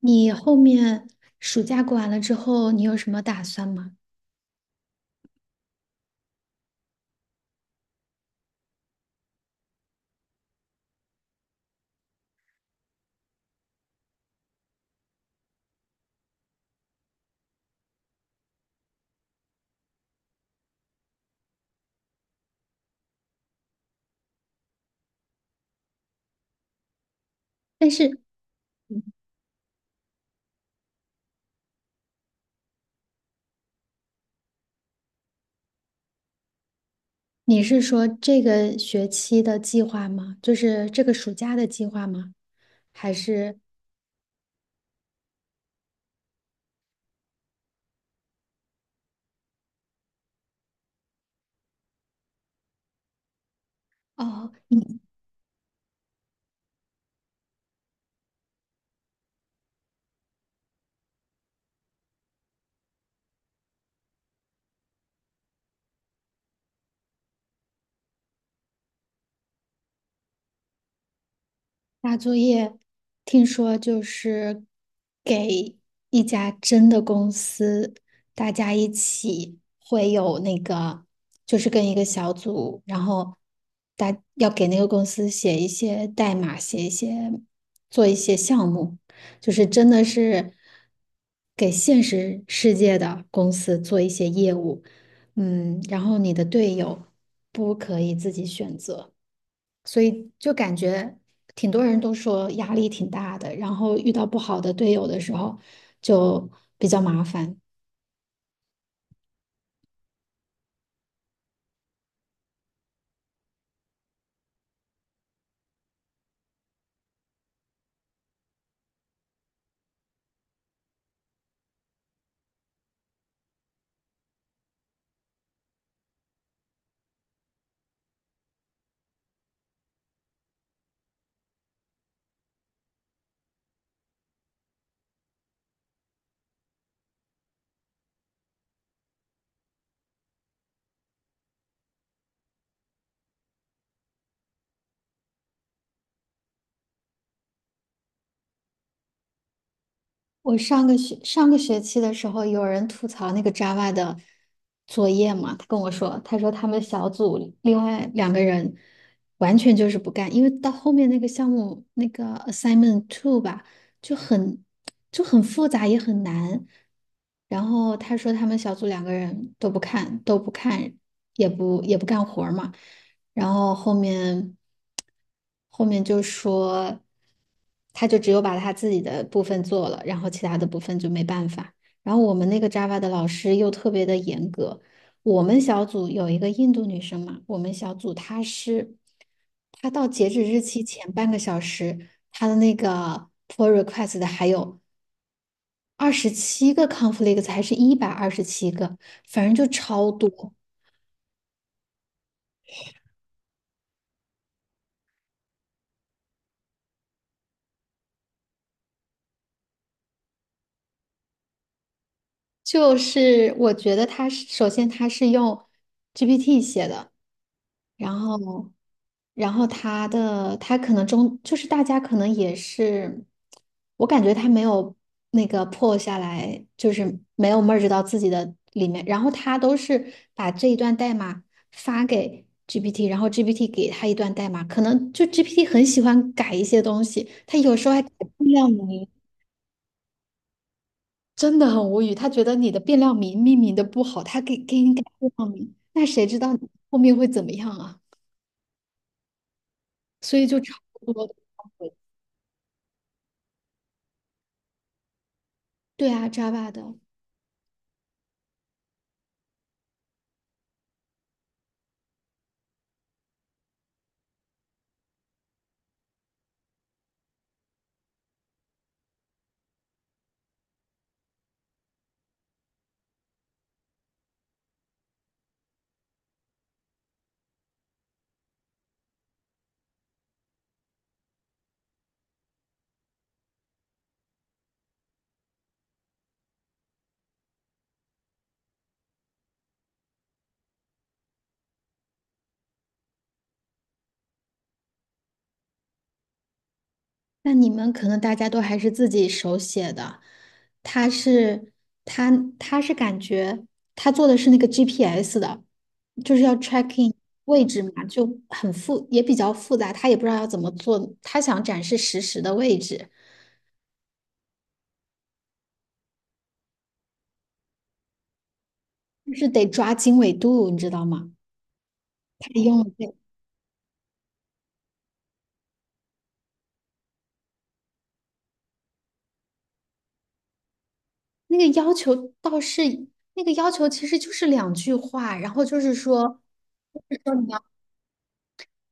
你后面暑假过完了之后，你有什么打算吗？但是你是说这个学期的计划吗？就是这个暑假的计划吗？还是哦，大作业，听说就是给一家真的公司，大家一起会有那个，就是跟一个小组，然后大要给那个公司写一些代码，写一些做一些项目，就是真的是给现实世界的公司做一些业务，嗯，然后你的队友不可以自己选择。所以就感觉挺多人都说压力挺大的，然后遇到不好的队友的时候就比较麻烦。我上个学期的时候，有人吐槽那个 Java 的作业嘛，他跟我说，他说他们小组另外两个人完全就是不干，因为到后面那个项目那个 assignment two 吧，就很就很复杂也很难。然后他说他们小组两个人都不看，都不看，也不干活儿嘛。然后后面就说，他就只有把他自己的部分做了，然后其他的部分就没办法。然后我们那个 Java 的老师又特别的严格。我们小组有一个印度女生嘛，我们小组她是，她到截止日期前半个小时，她的那个 pull request 的还有27个 conflict，s 还是127个，反正就超多。就是我觉得它是用 GPT 写的，然后然后它可能就是大家可能也是，我感觉它没有那个破下来，就是没有 merge 到自己的里面，然后它都是把这一段代码发给 GPT，然后 GPT 给它一段代码，可能就 GPT 很喜欢改一些东西，它有时候还改不了。真的很无语。他觉得你的变量名命名的不好，他给你改变量名，那谁知道你后面会怎么样啊？所以就差不多的。对啊，Java 的。那你们可能大家都还是自己手写的。他是他他感觉他做的是那个 GPS 的，就是要 tracking 位置嘛，就很复也比较复杂，他也不知道要怎么做。他想展示实时的位置，就是得抓经纬度，你知道吗？他用了那个要求倒是那个要求，其实就是两句话，然后就是说，就是说你要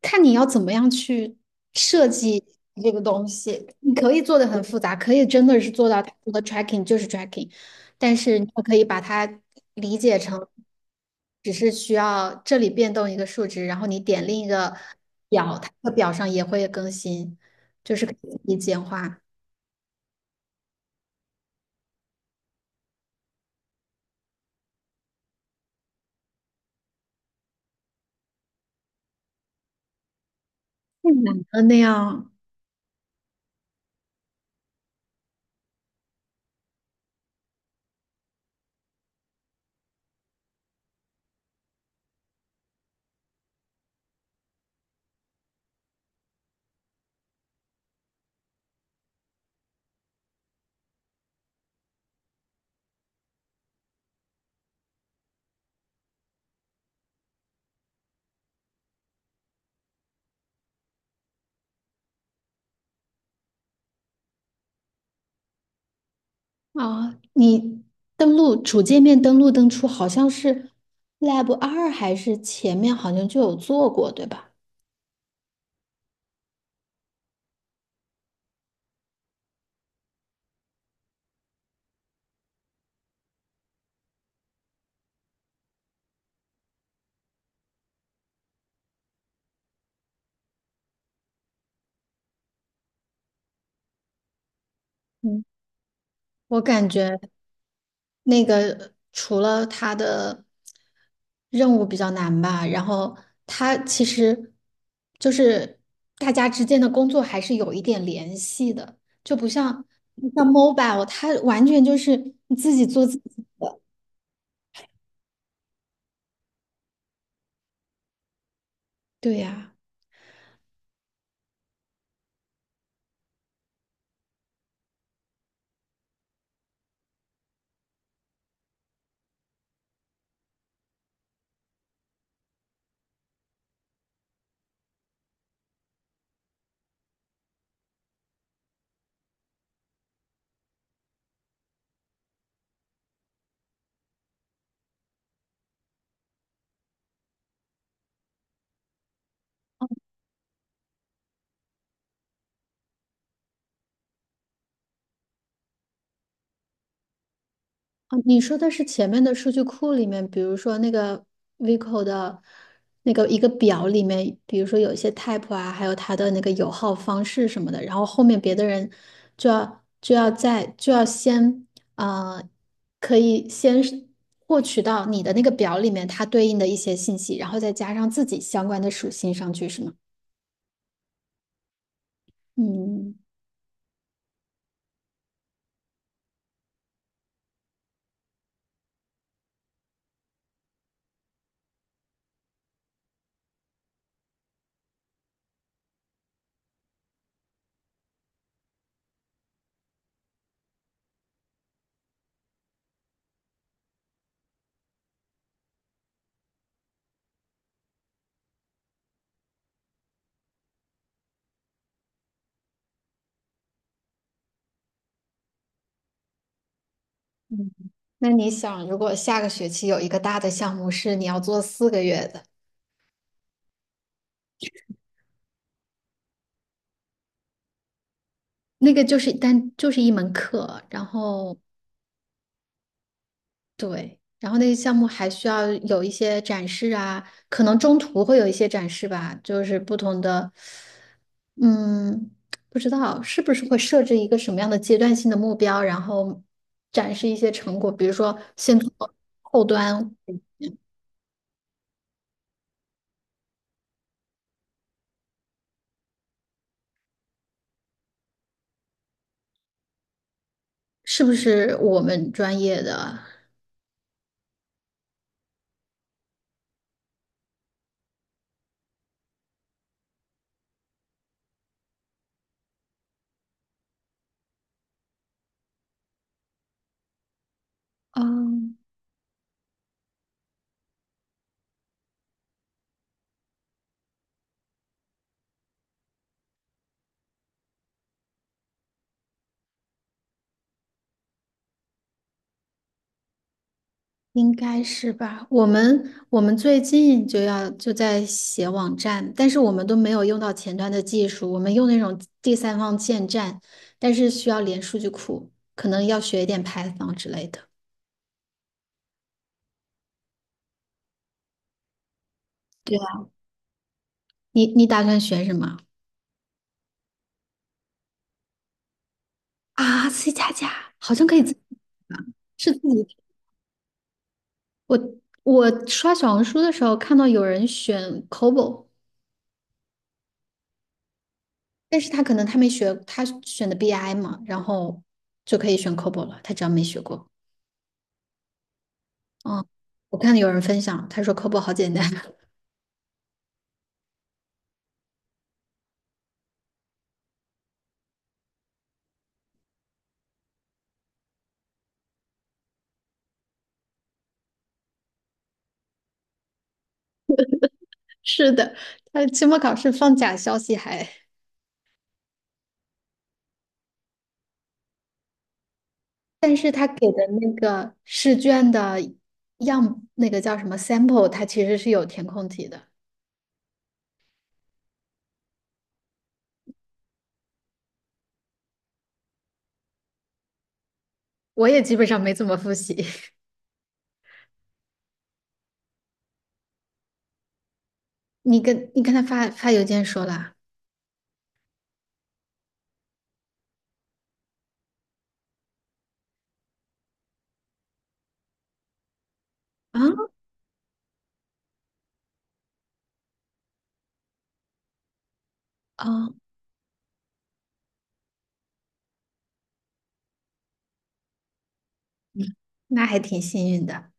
看你要怎么样去设计这个东西，你可以做的很复杂，可以真的是做到它除了 tracking 就是 tracking，但是你也可以把它理解成只是需要这里变动一个数值，然后你点另一个表，它的表上也会更新，就是可以简化，太难了那样。啊，你登录主界面登录登出，好像是 Lab 二还是前面好像就有做过，对吧？嗯，我感觉那个除了它的任务比较难吧，然后它其实就是大家之间的工作还是有一点联系的，就不像像 mobile，它完全就是你自己做自己。对呀。哦，你说的是前面的数据库里面，比如说那个 Vico 的那个一个表里面，比如说有一些 type 啊，还有它的那个油耗方式什么的，然后后面别的人就要先呃，可以先是获取到你的那个表里面它对应的一些信息，然后再加上自己相关的属性上去，是吗？嗯。嗯，那你想，如果下个学期有一个大的项目是你要做4个月的？那个就是一门课，然后对，然后那个项目还需要有一些展示啊，可能中途会有一些展示吧，就是不同的，嗯，不知道是不是会设置一个什么样的阶段性的目标，然后展示一些成果，比如说先做后端，是不是我们专业的？哦，应该是吧？我们最近就在写网站，但是我们都没有用到前端的技术，我们用那种第三方建站，但是需要连数据库，可能要学一点 Python 之类的。对啊，你打算学什么啊？C 加加好像可以是自己 我我刷小红书的时候看到有人选 COBOL，但是他可能没学，他选的 BI 嘛，然后就可以选 COBOL 了，他只要没学过。哦，我看有人分享，他说科普好简单。是的，他期末考试放假消息还，但是他给的那个试卷的样，那个叫什么 sample，他其实是有填空题的。我也基本上没怎么复习。你跟他发邮件说了啊？哦，那还挺幸运的。